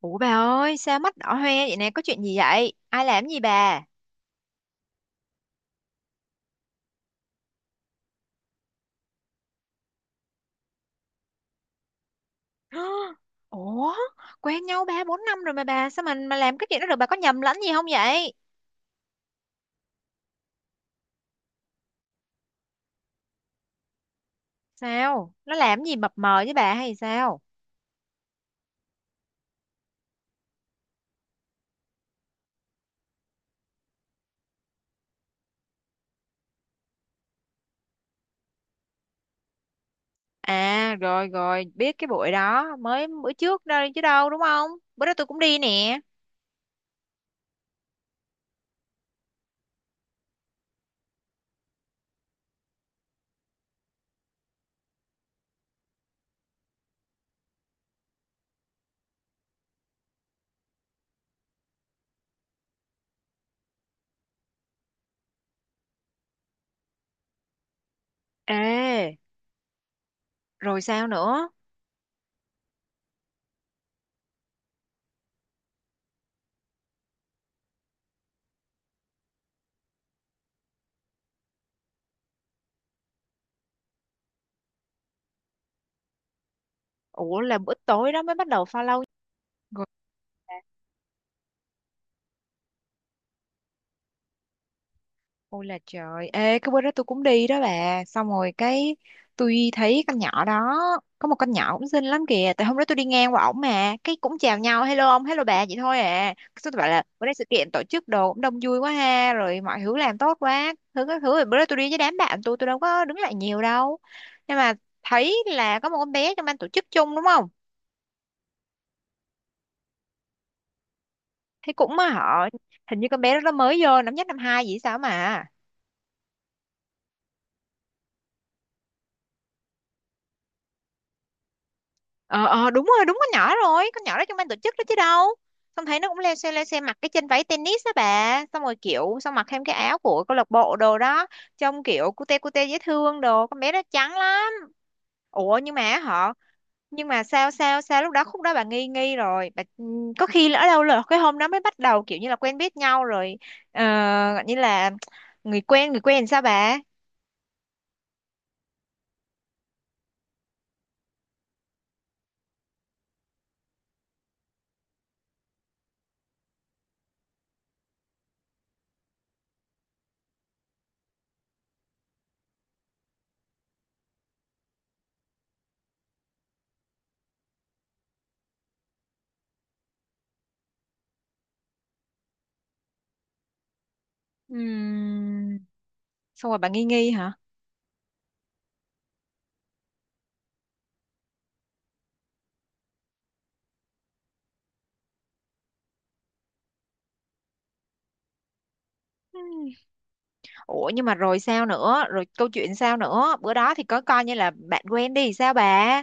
Ủa bà ơi, sao mắt đỏ hoe vậy nè, có chuyện gì vậy? Ai làm gì bà? Hả? Ủa, quen nhau 3 4 năm rồi mà bà, sao mình mà làm cái chuyện đó được, bà có nhầm lẫn gì không vậy? Sao? Nó làm gì mập mờ với bà hay sao? À, rồi rồi, biết cái buổi đó, mới bữa trước đây chứ đâu, đúng không? Bữa đó tôi cũng đi nè. Ê, rồi sao nữa? Ủa, là bữa tối đó mới bắt đầu follow rồi. Ôi là trời, ê cái bữa đó tôi cũng đi đó bà. Xong rồi cái tôi thấy con nhỏ đó. Có một con nhỏ cũng xinh lắm kìa. Tại hôm đó tôi đi ngang qua ổng mà, cái cũng chào nhau, hello ông, hello bà vậy thôi à. Xong tôi bảo là bữa nay sự kiện tổ chức đồ cũng đông vui quá ha, rồi mọi thứ làm tốt quá. Các thứ. Rồi bữa đó tôi đi với đám bạn tôi đâu có đứng lại nhiều đâu. Nhưng mà thấy là có một con bé trong ban tổ chức chung đúng không? Thấy cũng mà họ, hình như con bé đó nó mới vô năm nhất năm hai gì sao mà. Ờ ờ, đúng rồi, đúng con nhỏ rồi, con nhỏ đó trong ban tổ chức đó chứ đâu. Xong thấy nó cũng leo xe mặc cái chân váy tennis đó bà, xong rồi kiểu, xong mặc thêm cái áo của câu lạc bộ đồ đó. Trông kiểu cute cute dễ thương đồ, con bé đó trắng lắm. Ủa nhưng mà họ, nhưng mà sao sao sao lúc đó, khúc đó bà nghi nghi rồi bà. Có khi lỡ đâu là cái hôm đó mới bắt đầu kiểu như là quen biết nhau rồi. ờ, Gọi như là người quen làm sao bà. Ừm, Xong rồi bà nghi nghi hả? Ủa nhưng mà rồi sao nữa? Rồi câu chuyện sao nữa? Bữa đó thì có coi như là bạn quen đi sao bà?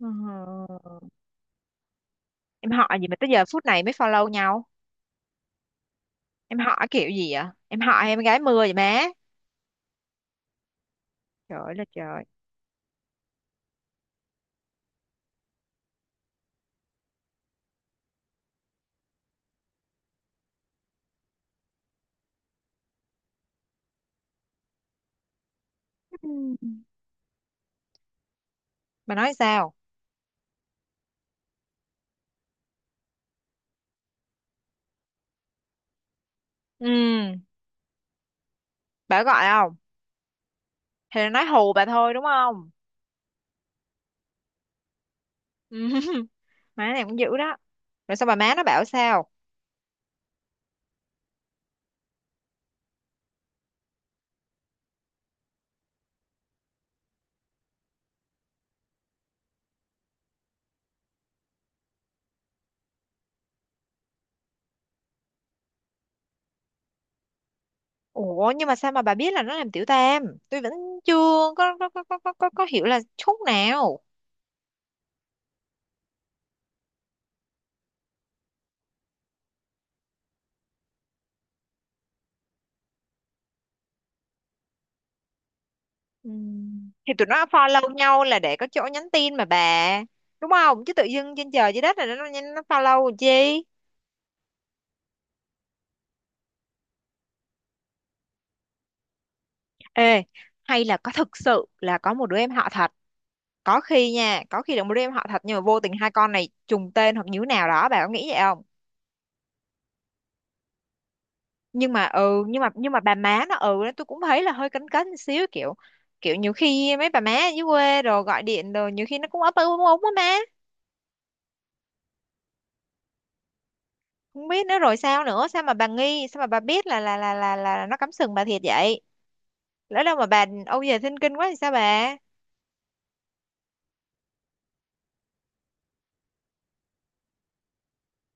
Ừ. Em họ gì mà tới giờ phút này mới follow nhau? Em họ kiểu gì vậy? Em họ em gái mưa vậy má? Trời ơi là trời. Ừ. Bà nói sao? Ừ. Bà có gọi không? Hay là nói hù bà thôi đúng không? Ừ. Má này cũng dữ đó. Rồi sao, bà má nó bảo sao? Ủa nhưng mà sao mà bà biết là nó làm tiểu tam? Tôi vẫn chưa có hiểu là chút nào. Ừ. Thì tụi nó follow nhau là để có chỗ nhắn tin mà bà, đúng không? Chứ tự dưng trên trời dưới đất này nó follow làm chi. Ê, hay là có thực sự là có một đứa em họ thật, có khi nha, có khi là một đứa em họ thật nhưng mà vô tình hai con này trùng tên hoặc như thế nào đó, bà có nghĩ vậy không? Nhưng mà bà má nó, ừ, tôi cũng thấy là hơi cấn cấn một xíu, kiểu, kiểu nhiều khi mấy bà má ở dưới quê rồi gọi điện rồi nhiều khi nó cũng ấp úng úng á má. Không biết nữa, rồi sao nữa, sao mà bà nghi, sao mà bà biết là nó cắm sừng bà thiệt vậy? Lỡ đâu mà bà âu yếm thinh kinh quá thì sao bà?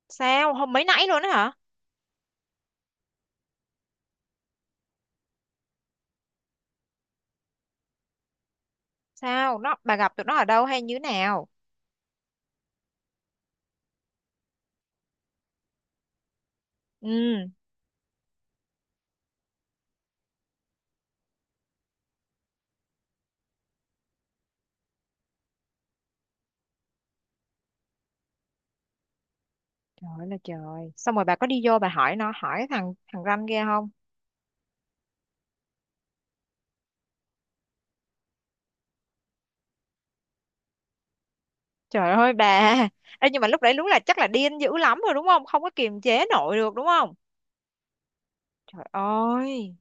Sao, hôm mấy nãy luôn á hả? Sao nó, bà gặp tụi nó ở đâu hay như thế nào? Ừ. Trời ơi là trời, xong rồi bà có đi vô bà hỏi nó, hỏi cái thằng thằng ranh kia không? Trời ơi bà. Ê, nhưng mà lúc đấy đúng là chắc là điên dữ lắm rồi đúng không, không có kiềm chế nổi được đúng không? Trời ơi.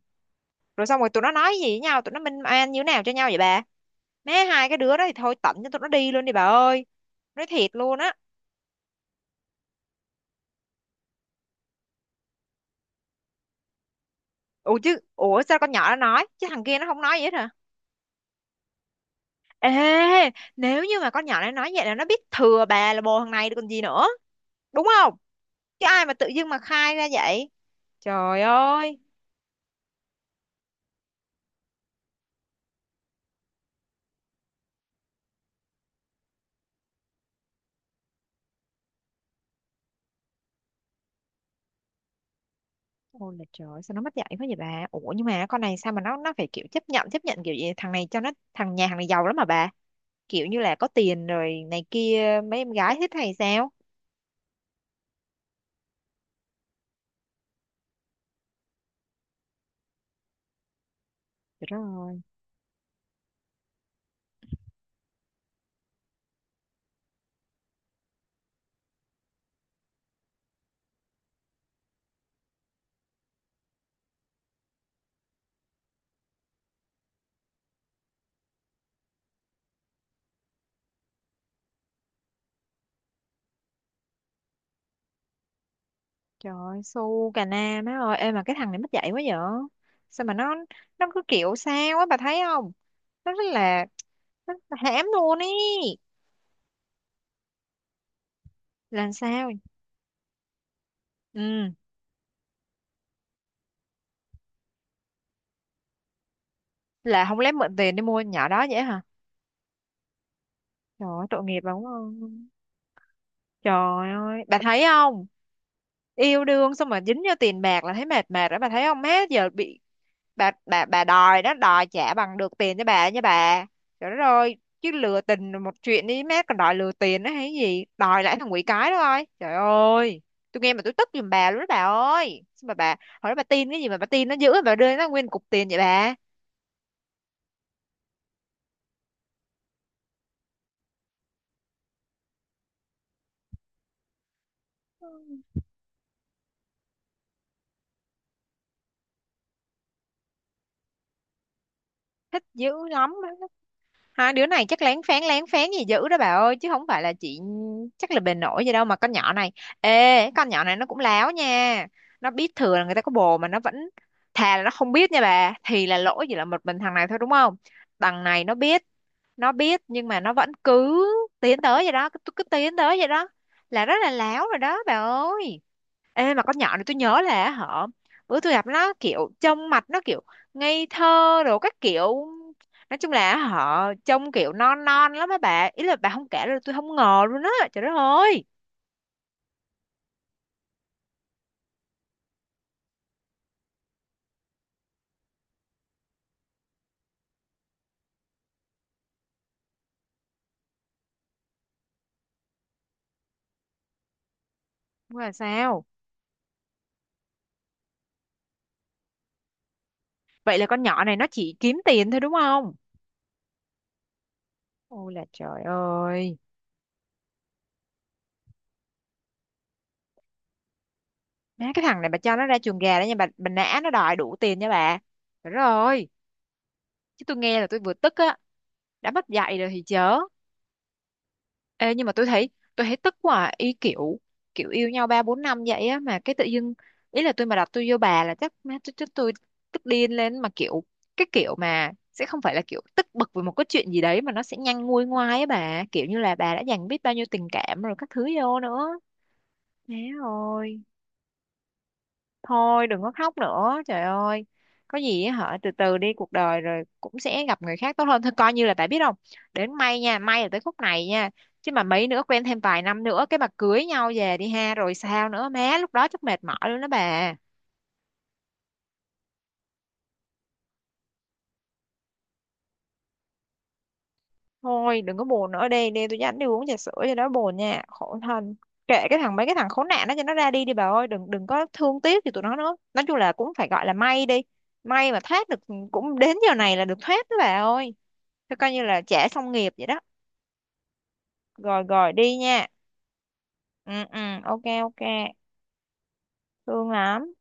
Rồi xong rồi tụi nó nói gì với nhau, tụi nó minh oan như thế nào cho nhau vậy bà? Má, hai cái đứa đó thì thôi, tận cho tụi nó đi luôn đi bà ơi. Nói thiệt luôn á. Ủa sao con nhỏ nó nói, chứ thằng kia nó không nói gì hết hả? Ê, nếu như mà con nhỏ này nói vậy là nó biết thừa bà là bồ thằng này rồi còn gì nữa. Đúng không? Chứ ai mà tự dưng mà khai ra vậy. Trời ơi. Ôi là trời, sao nó mất dạy quá vậy bà. Ủa nhưng mà con này sao mà nó phải kiểu chấp nhận, chấp nhận kiểu gì? Thằng này cho nó, thằng nhà hàng này giàu lắm mà bà, kiểu như là có tiền rồi này kia mấy em gái thích hay sao? Trời đất ơi. Trời ơi su cà na má ơi, ê mà cái thằng này mất dạy quá vậy, sao mà nó cứ kiểu sao á bà thấy không? Nó rất là, nó hãm luôn ý. Làm sao? Ừ, là không, lấy mượn tiền đi mua con nhỏ đó vậy hả? Trời ơi tội nghiệp bà đúng không? Trời ơi bà thấy không, yêu đương xong mà dính vô tiền bạc là thấy mệt mệt đó bà thấy không má, giờ bị, bà đòi đó, đòi trả bằng được tiền cho bà nha bà. Trời đất ơi, chứ lừa tình là một chuyện đi mát, còn đòi lừa tiền đó hay gì, đòi lại thằng quỷ cái đó thôi, trời ơi. Tôi nghe mà tôi tức giùm bà luôn đó bà ơi, sao mà bà hồi đó bà tin cái gì mà bà tin nó dữ, bà đưa nó nguyên cục tiền vậy bà? Thích dữ lắm. Hai đứa này chắc lén phén gì dữ đó bà ơi, chứ không phải là chị, chắc là bề nổi gì đâu mà con nhỏ này. Ê con nhỏ này nó cũng láo nha, nó biết thừa là người ta có bồ mà nó vẫn, thà là nó không biết nha bà thì là lỗi chỉ là một mình thằng này thôi đúng không? Thằng này nó biết, nó biết nhưng mà nó vẫn cứ tiến tới vậy đó, cứ tiến tới vậy đó, là rất là láo rồi đó bà ơi. Ê mà con nhỏ này tôi nhớ là họ, bữa tôi gặp nó kiểu trông mặt nó kiểu ngây thơ rồi các kiểu, nói chung là họ trông kiểu non non lắm á bà, ý là bà không kể là tôi không ngờ luôn á, trời đất ơi. Nhưng mà sao, vậy là con nhỏ này nó chỉ kiếm tiền thôi đúng không? Ôi là trời ơi. Má cái thằng này bà cho nó ra chuồng gà đó nha bà nã nó đòi đủ tiền nha bà. Trời đất ơi, chứ tôi nghe là tôi vừa tức á, đã mất dạy rồi thì chớ. Ê, nhưng mà tôi thấy, tôi thấy tức quá à, ý kiểu kiểu yêu nhau 3 4 năm vậy á mà cái tự dưng, ý là tôi mà đặt tôi vô bà là chắc má tôi chắc tôi tức điên lên mà kiểu, cái kiểu mà sẽ không phải là kiểu tức bực vì một cái chuyện gì đấy mà nó sẽ nhanh nguôi ngoai á bà, kiểu như là bà đã dành biết bao nhiêu tình cảm rồi các thứ vô nữa. Má ơi, thôi đừng có khóc nữa trời ơi, có gì á hả, từ từ đi, cuộc đời rồi cũng sẽ gặp người khác tốt hơn thôi, coi như là tại, biết không, đến may nha, may là tới khúc này nha, chứ mà mấy nữa quen thêm vài năm nữa cái mà cưới nhau về đi ha rồi sao nữa má, lúc đó chắc mệt mỏi luôn đó bà. Thôi đừng có buồn nữa, đi đi, tôi dẫn đi uống trà sữa cho nó buồn nha, khổ thân. Kệ cái thằng, mấy cái thằng khốn nạn đó cho nó ra đi đi bà ơi, đừng đừng có thương tiếc thì tụi nó nữa, nói chung là cũng phải gọi là may đi, may mà thoát được. Ừ, cũng đến giờ này là được thoát đó bà ơi. Thế coi như là trả xong nghiệp vậy đó. Rồi rồi, đi nha. Ừ ừ, ok ok, thương lắm.